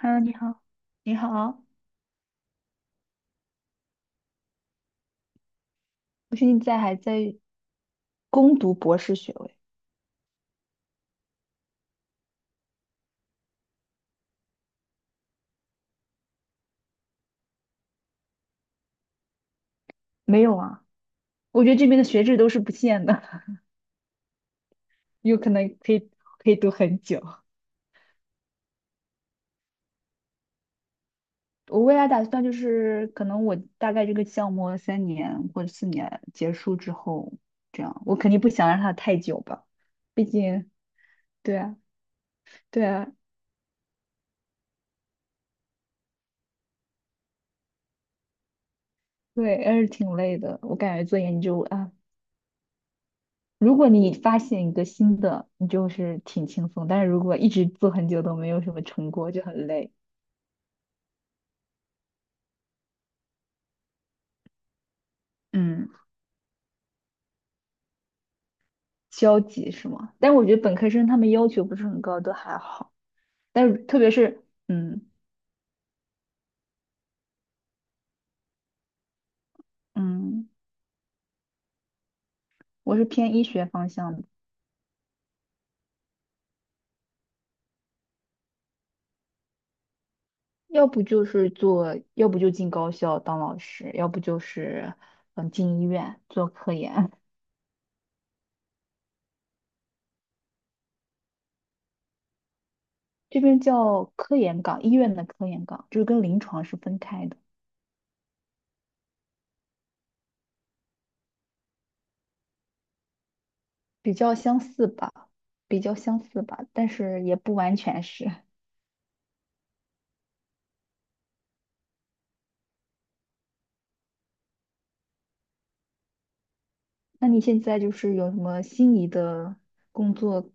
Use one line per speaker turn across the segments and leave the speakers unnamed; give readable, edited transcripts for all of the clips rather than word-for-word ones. Hello，你好，你好，我现在还在攻读博士学位。没有啊？我觉得这边的学制都是不限的。有可能可以读很久。我未来打算就是，可能我大概这个项目3年或者4年结束之后，这样我肯定不想让它太久吧。毕竟对啊，对啊，对，还是挺累的。我感觉做研究啊，如果你发现一个新的，你就是挺轻松，但是如果一直做很久都没有什么成果，就很累。嗯，消极是吗？但我觉得本科生他们要求不是很高，都还好。但是特别是，嗯，我是偏医学方向的。要不就是做，要不就进高校当老师，要不就是进医院做科研。这边叫科研岗，医院的科研岗，就是跟临床是分开的，比较相似吧，比较相似吧，但是也不完全是。那你现在就是有什么心仪的工作？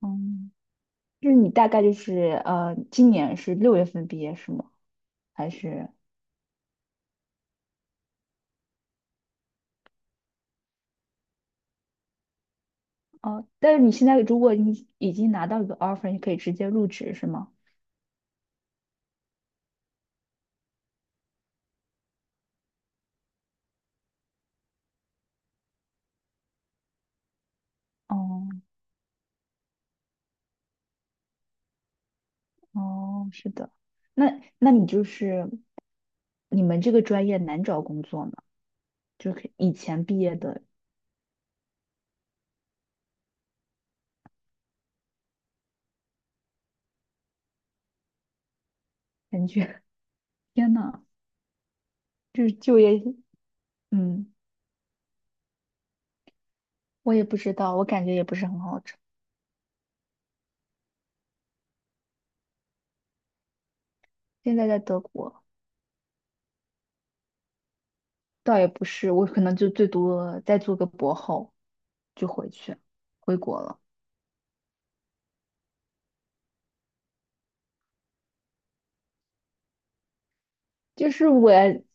嗯。就是你大概就是今年是六月份毕业是吗？还是哦？但是你现在如果你已经拿到一个 offer，你可以直接入职是吗？哦哦，是的。那你就是你们这个专业难找工作吗？就是以前毕业的感觉，天呐，就是就业，嗯，我也不知道，我感觉也不是很好找。现在在德国。倒也不是，我可能就最多再做个博后就回国了。就是我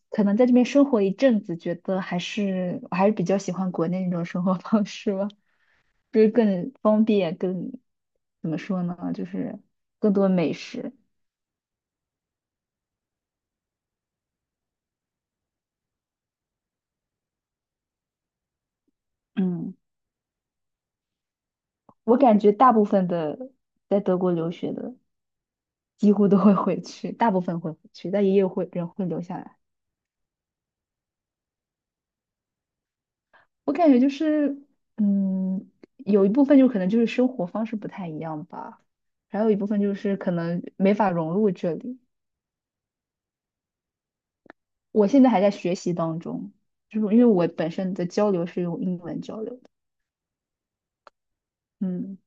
可能在这边生活一阵子，觉得我还是比较喜欢国内那种生活方式吧，就是更方便，更怎么说呢，就是更多美食。嗯，我感觉大部分的在德国留学的几乎都会回去，大部分会回去，但也有会人会留下来。我感觉就是，嗯，有一部分就可能就是生活方式不太一样吧，还有一部分就是可能没法融入这里。我现在还在学习当中，就是因为我本身的交流是用英文交流的。嗯，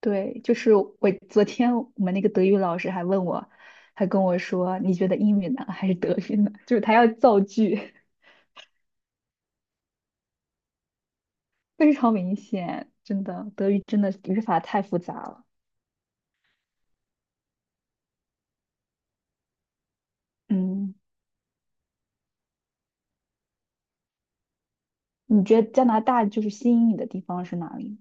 对，就是我昨天我们那个德语老师还问我，还跟我说，你觉得英语难还是德语难？就是他要造句。非常明显，真的，德语真的语法太复杂了。嗯，你觉得加拿大就是吸引你的地方是哪里？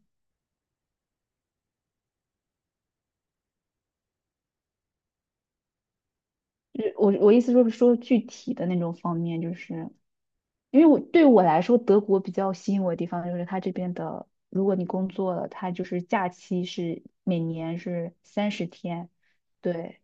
就是我意思就是说具体的那种方面，就是因为我来说，德国比较吸引我的地方就是它这边的，如果你工作了，它就是假期是每年是三十天。对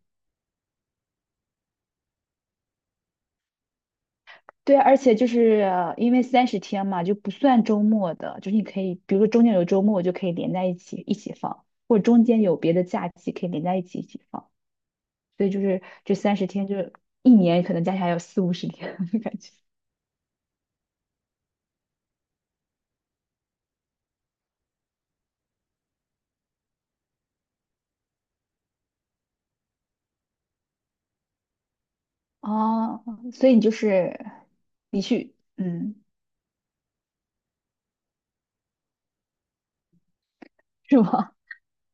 对，而且就是因为三十天嘛，就不算周末的，就是你可以，比如说中间有周末，我就可以连在一起放，或者中间有别的假期可以连在一起放，所以就是这三十天就是一年可能加起来有四五十天的感觉。哦，所以你去，是吗？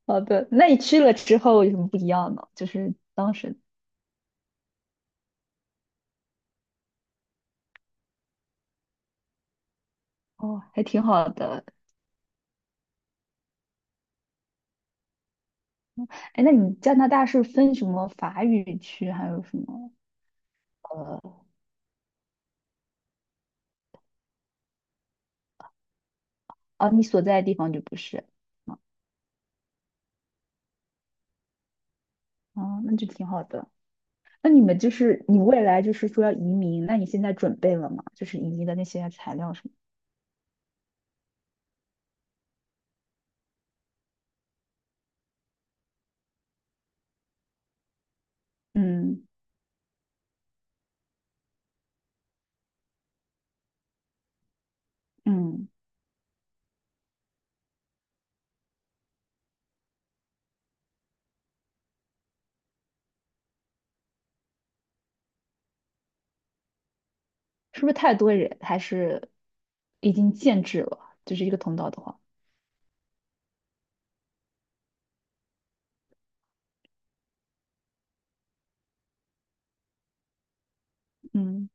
好的，那你去了之后有什么不一样呢？就是当时哦，还挺好的。哎，那你加拿大是分什么法语区，还有什么呃，哦，你所在的地方就不是啊？哦，那就挺好的。那你们就是你未来就是说要移民，那你现在准备了吗？就是移民的那些材料什么？嗯嗯，是不是太多人还是已经限制了？就是一个通道的话。嗯。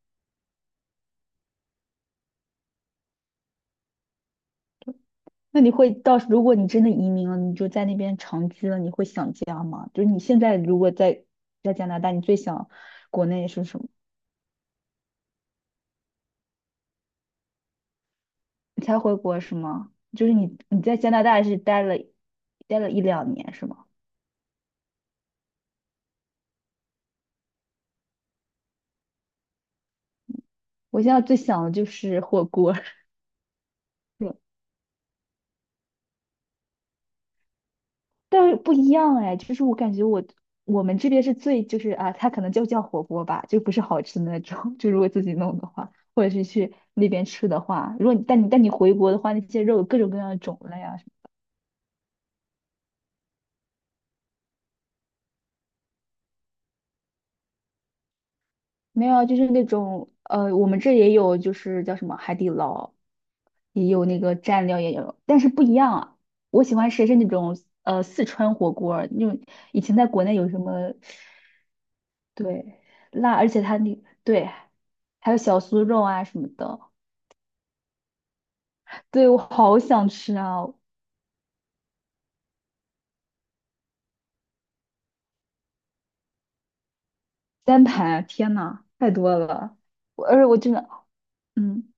那你会到时如果你真的移民了，你就在那边长居了，你会想家吗？就是你现在如果在加拿大，你最想国内是什么？你才回国是吗？就是你在加拿大是待了一两年是吗？我现在最想的就是火锅。对，但是不一样哎，就是我感觉我们这边是最就是啊，它可能就叫火锅吧，就不是好吃的那种。就如果自己弄的话，或者是去那边吃的话，如果你但你回国的话，那些肉有各种各样的种类啊。没有啊，就是那种我们这也有，就是叫什么海底捞，也有那个蘸料也有，但是不一样啊。我喜欢吃的是那种四川火锅儿那种，以前在国内有什么对，辣，而且它那对，还有小酥肉啊什么的。对，我好想吃啊。三盘啊，天呐，太多了。而且我真的，嗯。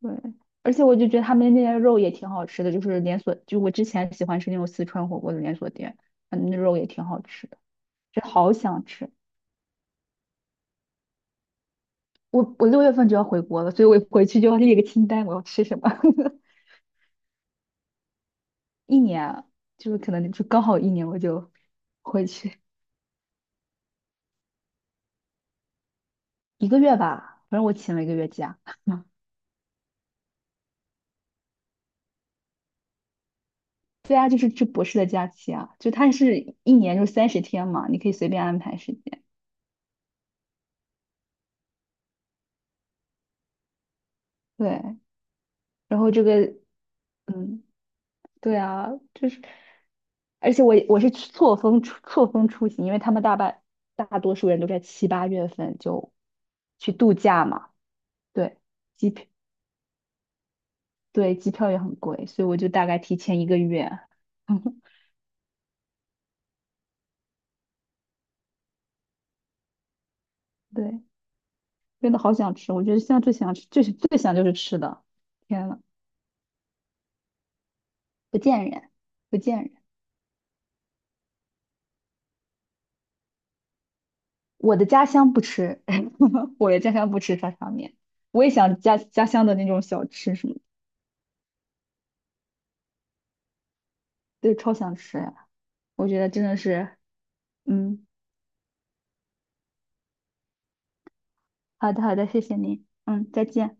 对，而且我就觉得他们那边肉也挺好吃的，就是连锁，就我之前喜欢吃那种四川火锅的连锁店，那肉也挺好吃的，就好想吃。我六月份就要回国了，所以我回去就要列个清单，我要吃什么。一年啊，就是可能就刚好一年，我就回去一个月吧，反正我请了一个月假。对啊，就是这博士的假期啊，就它是一年就三十天嘛，你可以随便安排时间。对，然后这个，嗯。对啊，就是，而且我是错峰出行，因为他们大多数人都在7、8月份就去度假嘛。对，机票对，机票也很贵，所以我就大概提前一个月。对，真的好想吃，我觉得现在最想吃最最想就是吃的，天呐。不见人，不见人。我的家乡不吃。我的家乡不吃沙茶面。我也想家乡的那种小吃什么的。对，超想吃呀，我觉得真的是。嗯，好的，好的，谢谢您。嗯，再见。